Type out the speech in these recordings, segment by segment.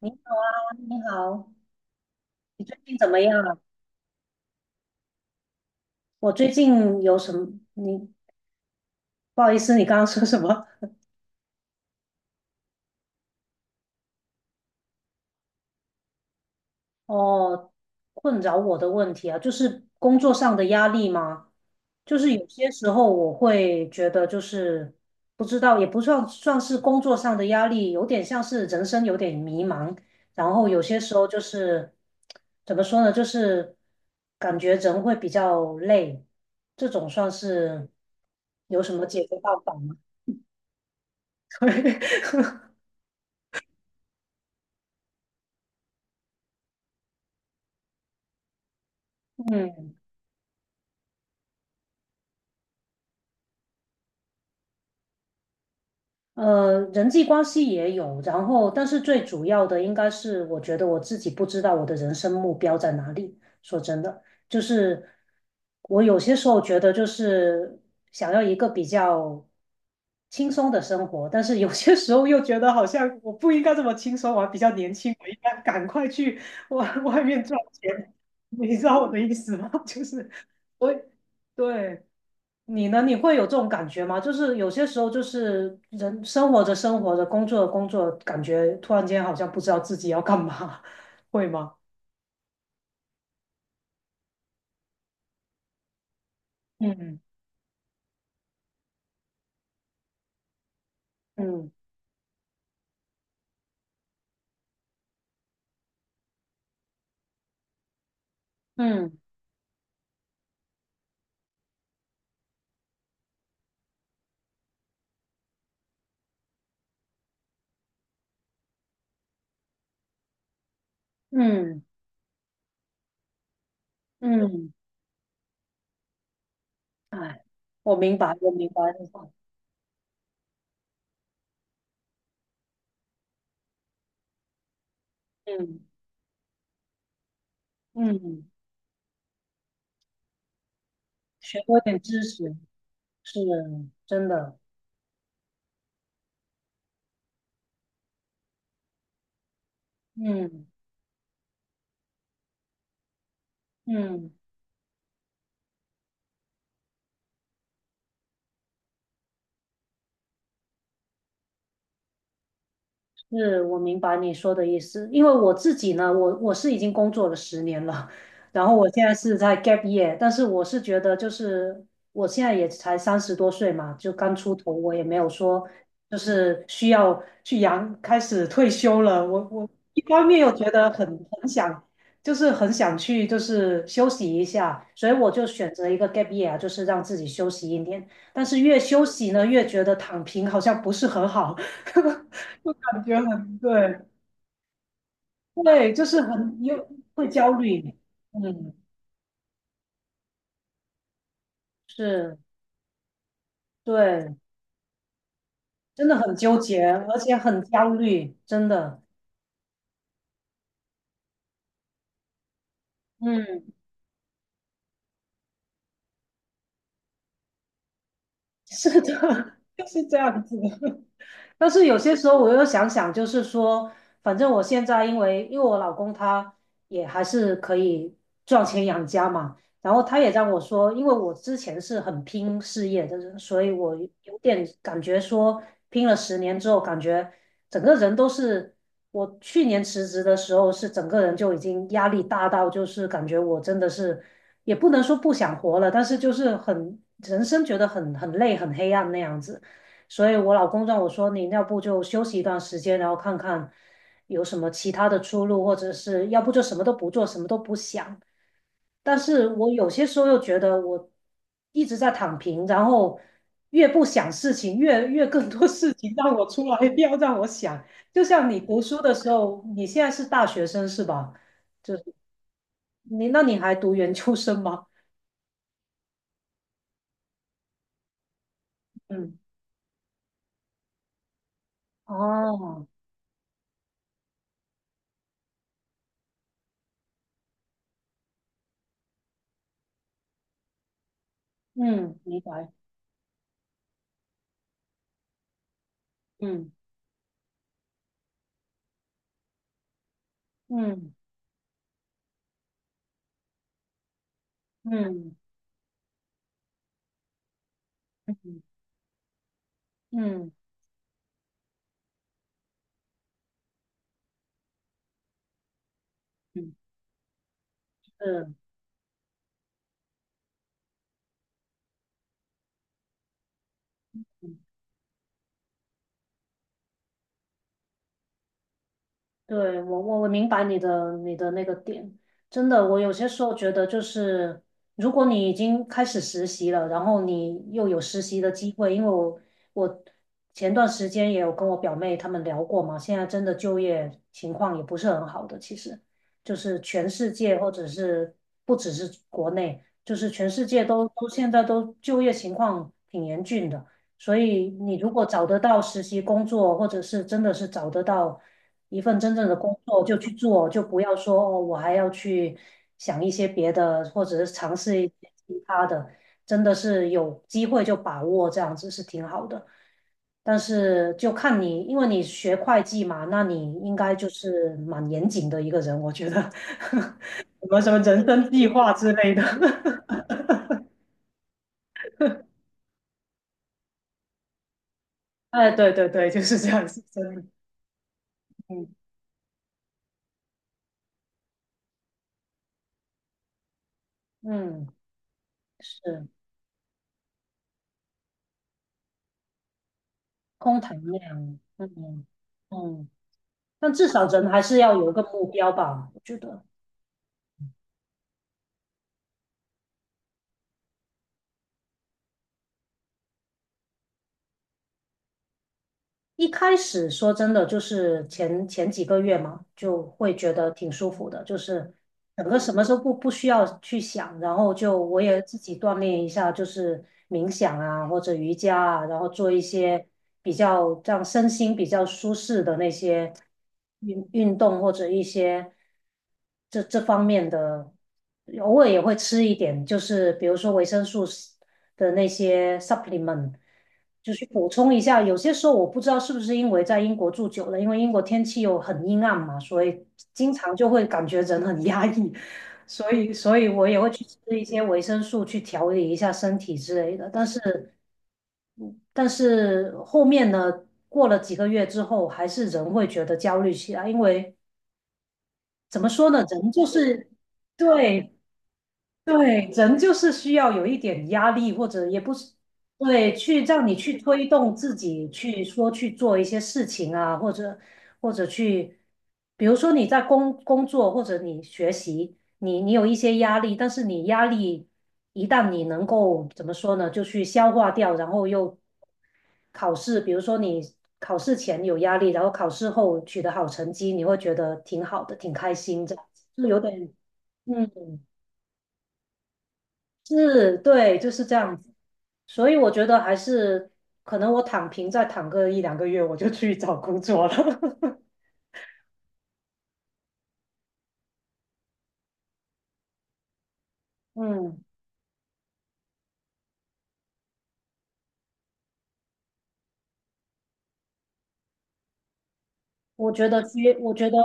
你好啊，你好，你最近怎么样啊？我最近有什么？你不好意思，你刚刚说什么？哦，困扰我的问题啊，就是工作上的压力吗？就是有些时候我会觉得，就是不知道，也不算是工作上的压力，有点像是人生有点迷茫。然后有些时候就是怎么说呢，就是感觉人会比较累，这种算是有什么解决办法吗？嗯，人际关系也有，然后，但是最主要的应该是，我觉得我自己不知道我的人生目标在哪里。说真的，就是我有些时候觉得，就是想要一个比较轻松的生活，但是有些时候又觉得好像我不应该这么轻松，我还比较年轻，我应该赶快去外面赚钱。你知道我的意思吗？就是我，对。你呢？你会有这种感觉吗？就是有些时候，就是人生活着生活着，工作着工作着感觉突然间好像不知道自己要干嘛，会吗？嗯嗯嗯嗯嗯，哎，我明白，我明白那种，嗯嗯，学多点知识是真的，嗯嗯。是，我明白你说的意思，因为我自己呢，我是已经工作了十年了，然后我现在是在 gap year，但是我是觉得就是我现在也才30多岁嘛，就刚出头，我也没有说就是需要去养，开始退休了。我一方面又觉得很想，就是很想去就是休息一下，所以我就选择一个 gap year，就是让自己休息1年。但是越休息呢，越觉得躺平好像不是很好。就感觉很对，对，就是很又会焦虑，嗯，是，对，真的很纠结，而且很焦虑，真的，嗯，是的，就是这样子。但是有些时候我又想想，就是说，反正我现在因为我老公他也还是可以赚钱养家嘛，然后他也让我说，因为我之前是很拼事业的人，所以我有点感觉说，拼了十年之后，感觉整个人都是，我去年辞职的时候是整个人就已经压力大到，就是感觉我真的是也不能说不想活了，但是就是很人生觉得很累很黑暗那样子。所以我老公让我说，你要不就休息一段时间，然后看看有什么其他的出路，或者是要不就什么都不做，什么都不想。但是我有些时候又觉得我一直在躺平，然后越不想事情，越更多事情让我出来，要让我想。就像你读书的时候，你现在是大学生是吧？就是你，那你还读研究生吗？嗯，哦，嗯，明白，嗯嗯嗯嗯嗯。嗯嗯嗯，对，我明白你的那个点，真的，我有些时候觉得就是，如果你已经开始实习了，然后你又有实习的机会，因为我前段时间也有跟我表妹她们聊过嘛，现在真的就业情况也不是很好的，其实就是全世界或者是不只是国内，就是全世界都现在都就业情况挺严峻的。所以你如果找得到实习工作，或者是真的是找得到一份真正的工作就去做，就不要说哦，我还要去想一些别的，或者是尝试一些其他的，真的是有机会就把握，这样子是挺好的。但是就看你，因为你学会计嘛，那你应该就是蛮严谨的一个人，我觉得，什么什么人生计划之类的。哎，对对对，就是这样子，真的，嗯嗯，是空谈量，嗯嗯。嗯但至少人还是要有一个目标吧，我觉得。一开始说真的，就是前几个月嘛，就会觉得挺舒服的，就是整个什么时候不需要去想，然后就我也自己锻炼一下，就是冥想啊或者瑜伽啊，然后做一些比较这样身心比较舒适的那些运动或者一些这方面的，偶尔也会吃一点，就是比如说维生素的那些 supplement。就是补充一下，有些时候我不知道是不是因为在英国住久了，因为英国天气又很阴暗嘛，所以经常就会感觉人很压抑，所以我也会去吃一些维生素去调理一下身体之类的。但是后面呢，过了几个月之后，还是人会觉得焦虑起来，因为怎么说呢，人就是对对，人就是需要有一点压力，或者也不是，对，去让你去推动自己去说去做一些事情啊，或者或者去，比如说你在工作或者你学习，你有一些压力，但是你压力一旦你能够怎么说呢，就去消化掉，然后又考试，比如说你考试前有压力，然后考试后取得好成绩，你会觉得挺好的，挺开心，这样子就有点嗯。是，对，就是这样子。所以我觉得还是可能我躺平再躺个一两个月，我就去找工作了。嗯，我觉得需，我觉得，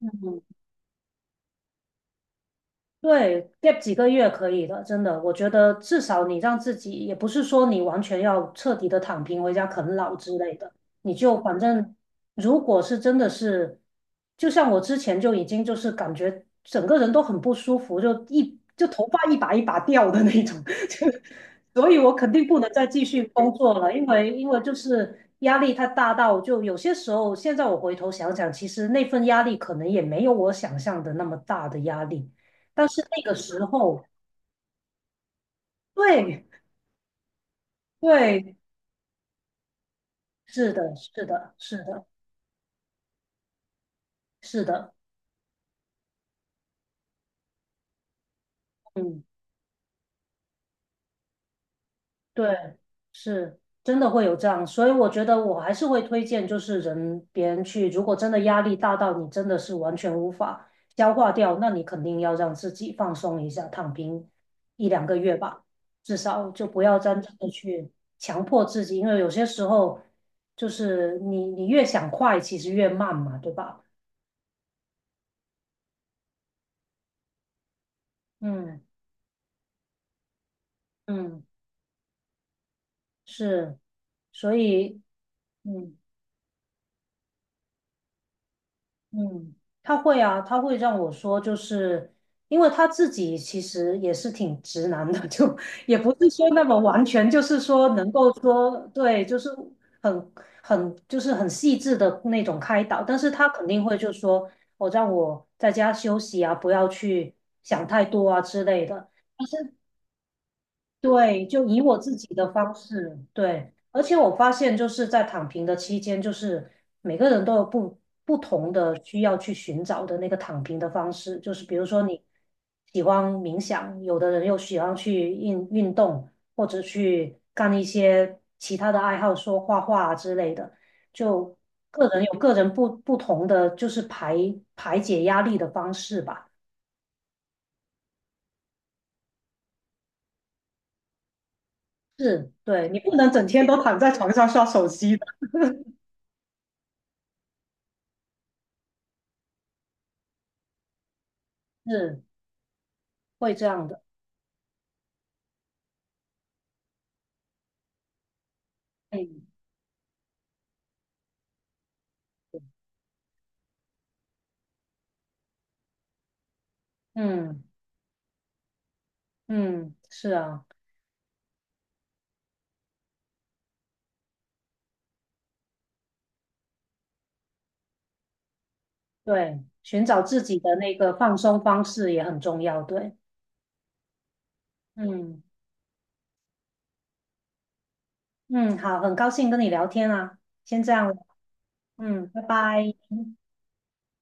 嗯，对，gap 几个月可以的，真的，我觉得至少你让自己，也不是说你完全要彻底的躺平回家啃老之类的，你就反正如果是真的是，就像我之前就已经就是感觉整个人都很不舒服，就一就头发一把一把掉的那种，所以我肯定不能再继续工作了，因为就是压力太大到，就有些时候，现在我回头想想，其实那份压力可能也没有我想象的那么大的压力，但是那个时候，对对，是的，是的，是的，是的，嗯。对，是真的会有这样，所以我觉得我还是会推荐，就是人别人去，如果真的压力大到你真的是完全无法消化掉，那你肯定要让自己放松一下，躺平一两个月吧，至少就不要真正的去强迫自己，因为有些时候就是你越想快，其实越慢嘛，对吧？嗯嗯，是，所以嗯。嗯，他会啊，他会让我说，就是因为他自己其实也是挺直男的，就也不是说那么完全，就是说能够说对，就是很就是很细致的那种开导，但是他肯定会就说，我、让我在家休息啊，不要去想太多啊之类的。对，就以我自己的方式，对，而且我发现就是在躺平的期间，就是每个人都有不同的需要去寻找的那个躺平的方式，就是比如说你喜欢冥想，有的人又喜欢去运动，或者去干一些其他的爱好，说画画啊之类的，就个人有个人不同的就是排解压力的方式吧。是，对，你不能整天都躺在床上刷手机的。是。会这样的。嗯嗯嗯，是啊，对，寻找自己的那个放松方式也很重要。对，嗯嗯，好，很高兴跟你聊天啊，先这样了，嗯，拜拜。